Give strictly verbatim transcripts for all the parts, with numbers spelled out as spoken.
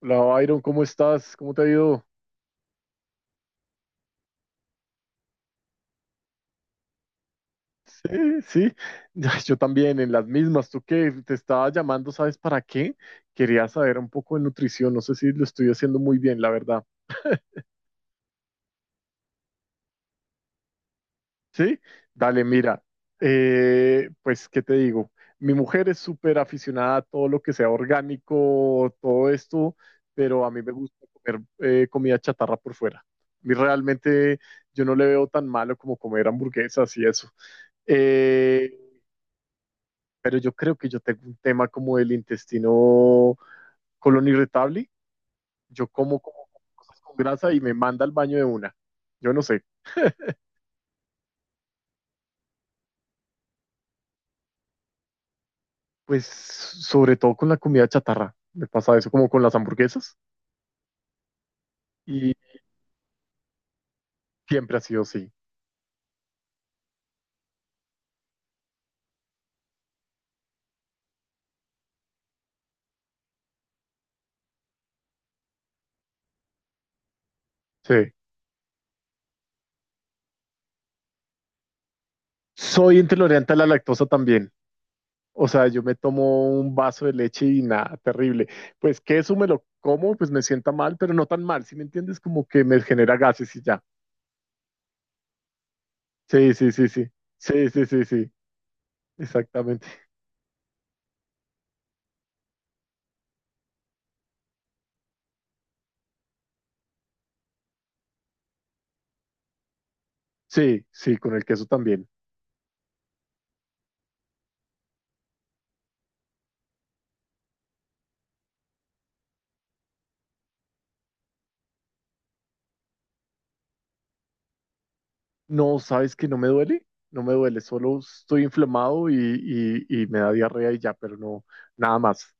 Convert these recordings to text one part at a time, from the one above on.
Hola, Byron, ¿cómo estás? ¿Cómo te ha ido? Sí, sí, ya, yo también, en las mismas. ¿Tú qué? Te estaba llamando, ¿sabes para qué? Quería saber un poco de nutrición, no sé si lo estoy haciendo muy bien, la verdad. Sí, dale, mira, eh, pues, ¿qué te digo? Mi mujer es súper aficionada a todo lo que sea orgánico, todo esto, pero a mí me gusta comer eh, comida chatarra por fuera. A mí realmente yo no le veo tan malo como comer hamburguesas y eso. Eh, pero yo creo que yo tengo un tema como del intestino, colon irritable. Yo como, como cosas con grasa y me manda al baño de una. Yo no sé. Pues sobre todo con la comida chatarra. Me pasa eso como con las hamburguesas, y siempre ha sido así. Sí. Soy intolerante a la lactosa también. O sea, yo me tomo un vaso de leche y nada, terrible. Pues queso me lo como, pues me sienta mal, pero no tan mal, ¿si me entiendes? Como que me genera gases y ya. Sí, sí, sí, sí. Sí, sí, sí, sí. Exactamente. Sí, sí, con el queso también. No, ¿sabes que no me duele? No me duele, solo estoy inflamado y, y, y me da diarrea y ya, pero no, nada más.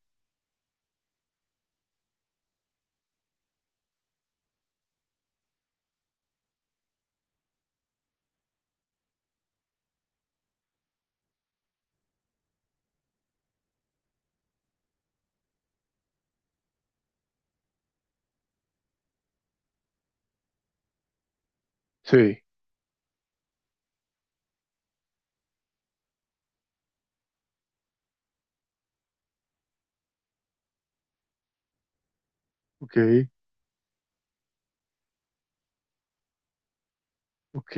Sí, ok, ok.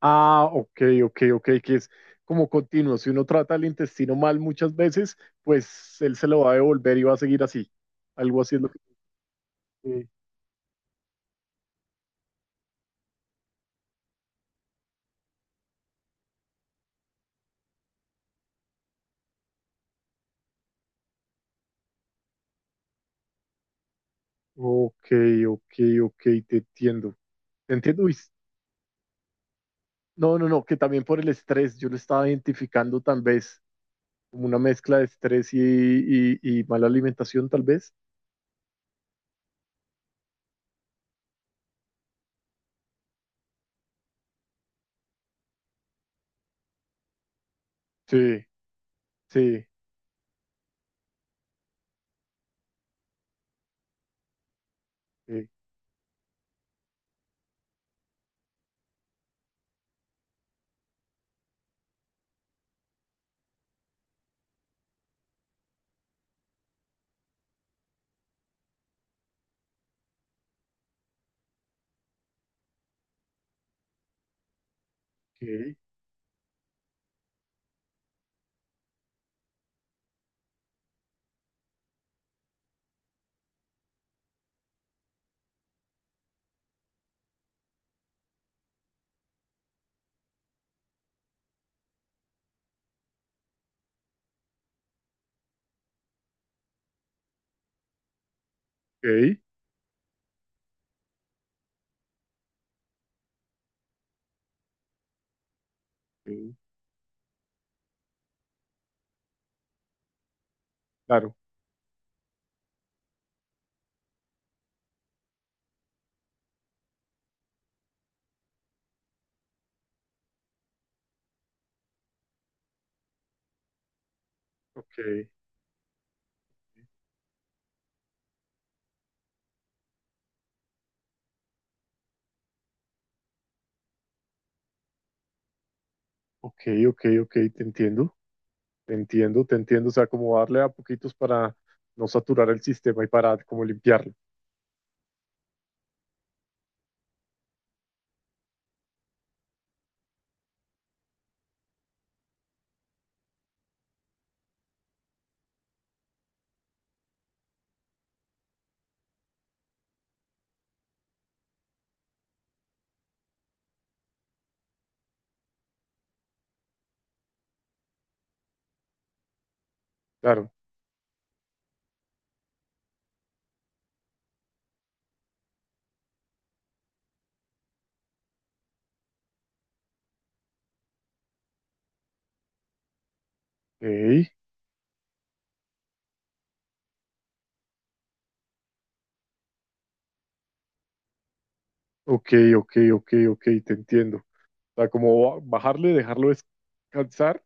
Ah, ok, ok, ok, que es como continuo. Si uno trata el intestino mal muchas veces, pues él se lo va a devolver y va a seguir así. Algo así es lo que... Ok, ok, ok, te entiendo. Te entiendo. Uy, no, no, no, que también por el estrés, yo lo estaba identificando tal vez, como una mezcla de estrés y, y- y mala alimentación, tal vez. Sí, sí, sí, ok, ok, ok, claro, ok, ok, ok, ok, te entiendo, te entiendo, te entiendo, o sea, como darle a poquitos para no saturar el sistema y para como limpiarlo, claro, ok, ok, ok, ok, ok, te entiendo, o sea, como bajarle, dejarlo descansar,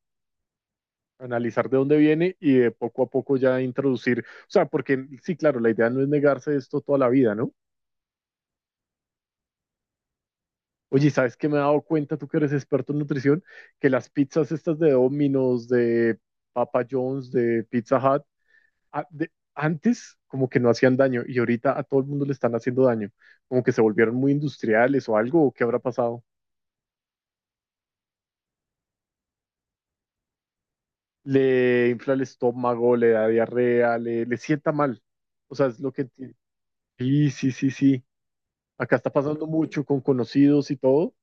analizar de dónde viene y de poco a poco ya introducir, o sea, porque sí, claro, la idea no es negarse esto toda la vida, ¿no? Oye, ¿sabes qué? Me he dado cuenta, tú que eres experto en nutrición, que las pizzas estas de Domino's, de Papa John's, de Pizza Hut, a- de- antes como que no hacían daño y ahorita a todo el mundo le están haciendo daño, como que se volvieron muy industriales o algo, ¿o qué habrá pasado? Le infla el estómago, le da diarrea, le, le sienta mal. O sea, es lo que... enti- Sí, sí, sí, sí. Acá está pasando mucho con conocidos y todo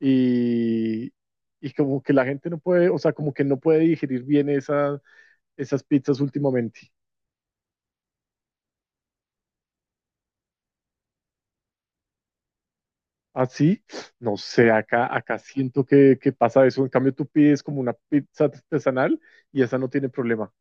y, y como que la gente no puede, o sea, como que no puede digerir bien esa, esas pizzas últimamente. Así, no sé, acá, acá siento que, que pasa eso. En cambio, tú pides como una pizza artesanal y esa no tiene problema.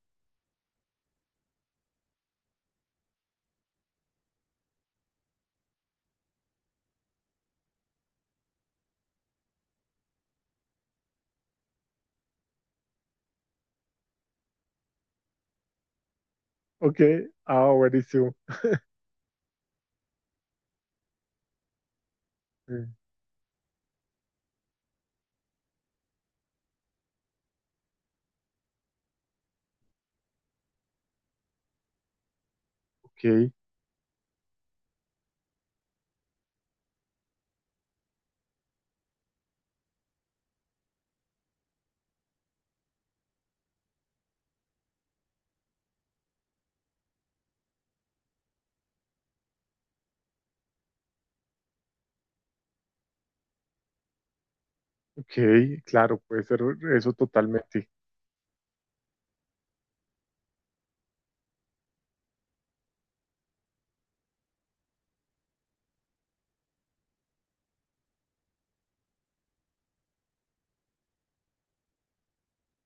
Ok, ah, buenísimo. Mm, ok, ok, claro, puede ser eso totalmente.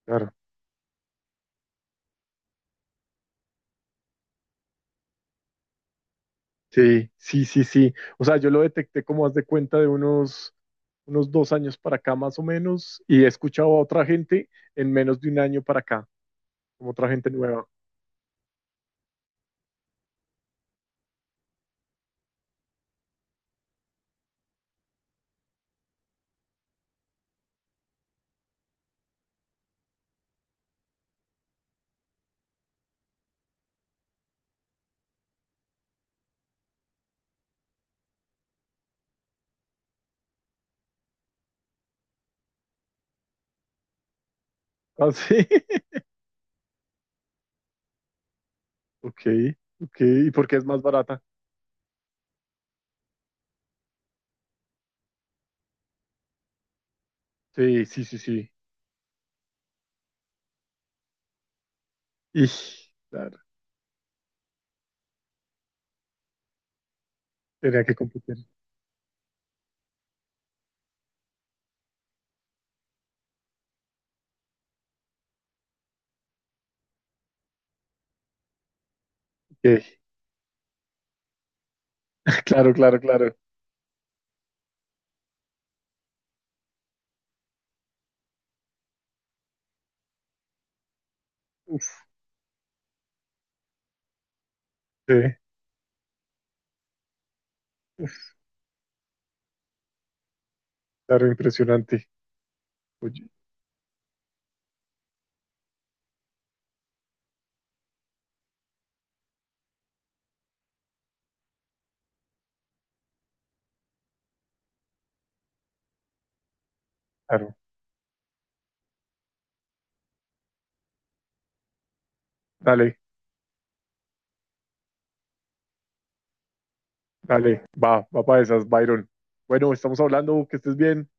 Claro. Sí, sí, sí, sí. O sea, yo lo detecté como haz de cuenta de unos, unos dos años para acá más o menos y he escuchado a otra gente en menos de un año para acá, como otra gente nueva. Ah, sí. Ok, ok. ¿Y por qué es más barata? Sí, sí, sí, sí. Y, claro, tenía que computar. Ok. Claro, claro, claro. Uf, sí. Uf, claro, impresionante. Oye, claro. Dale, dale. Va, va para esas, Byron. Bueno, estamos hablando, que estés bien.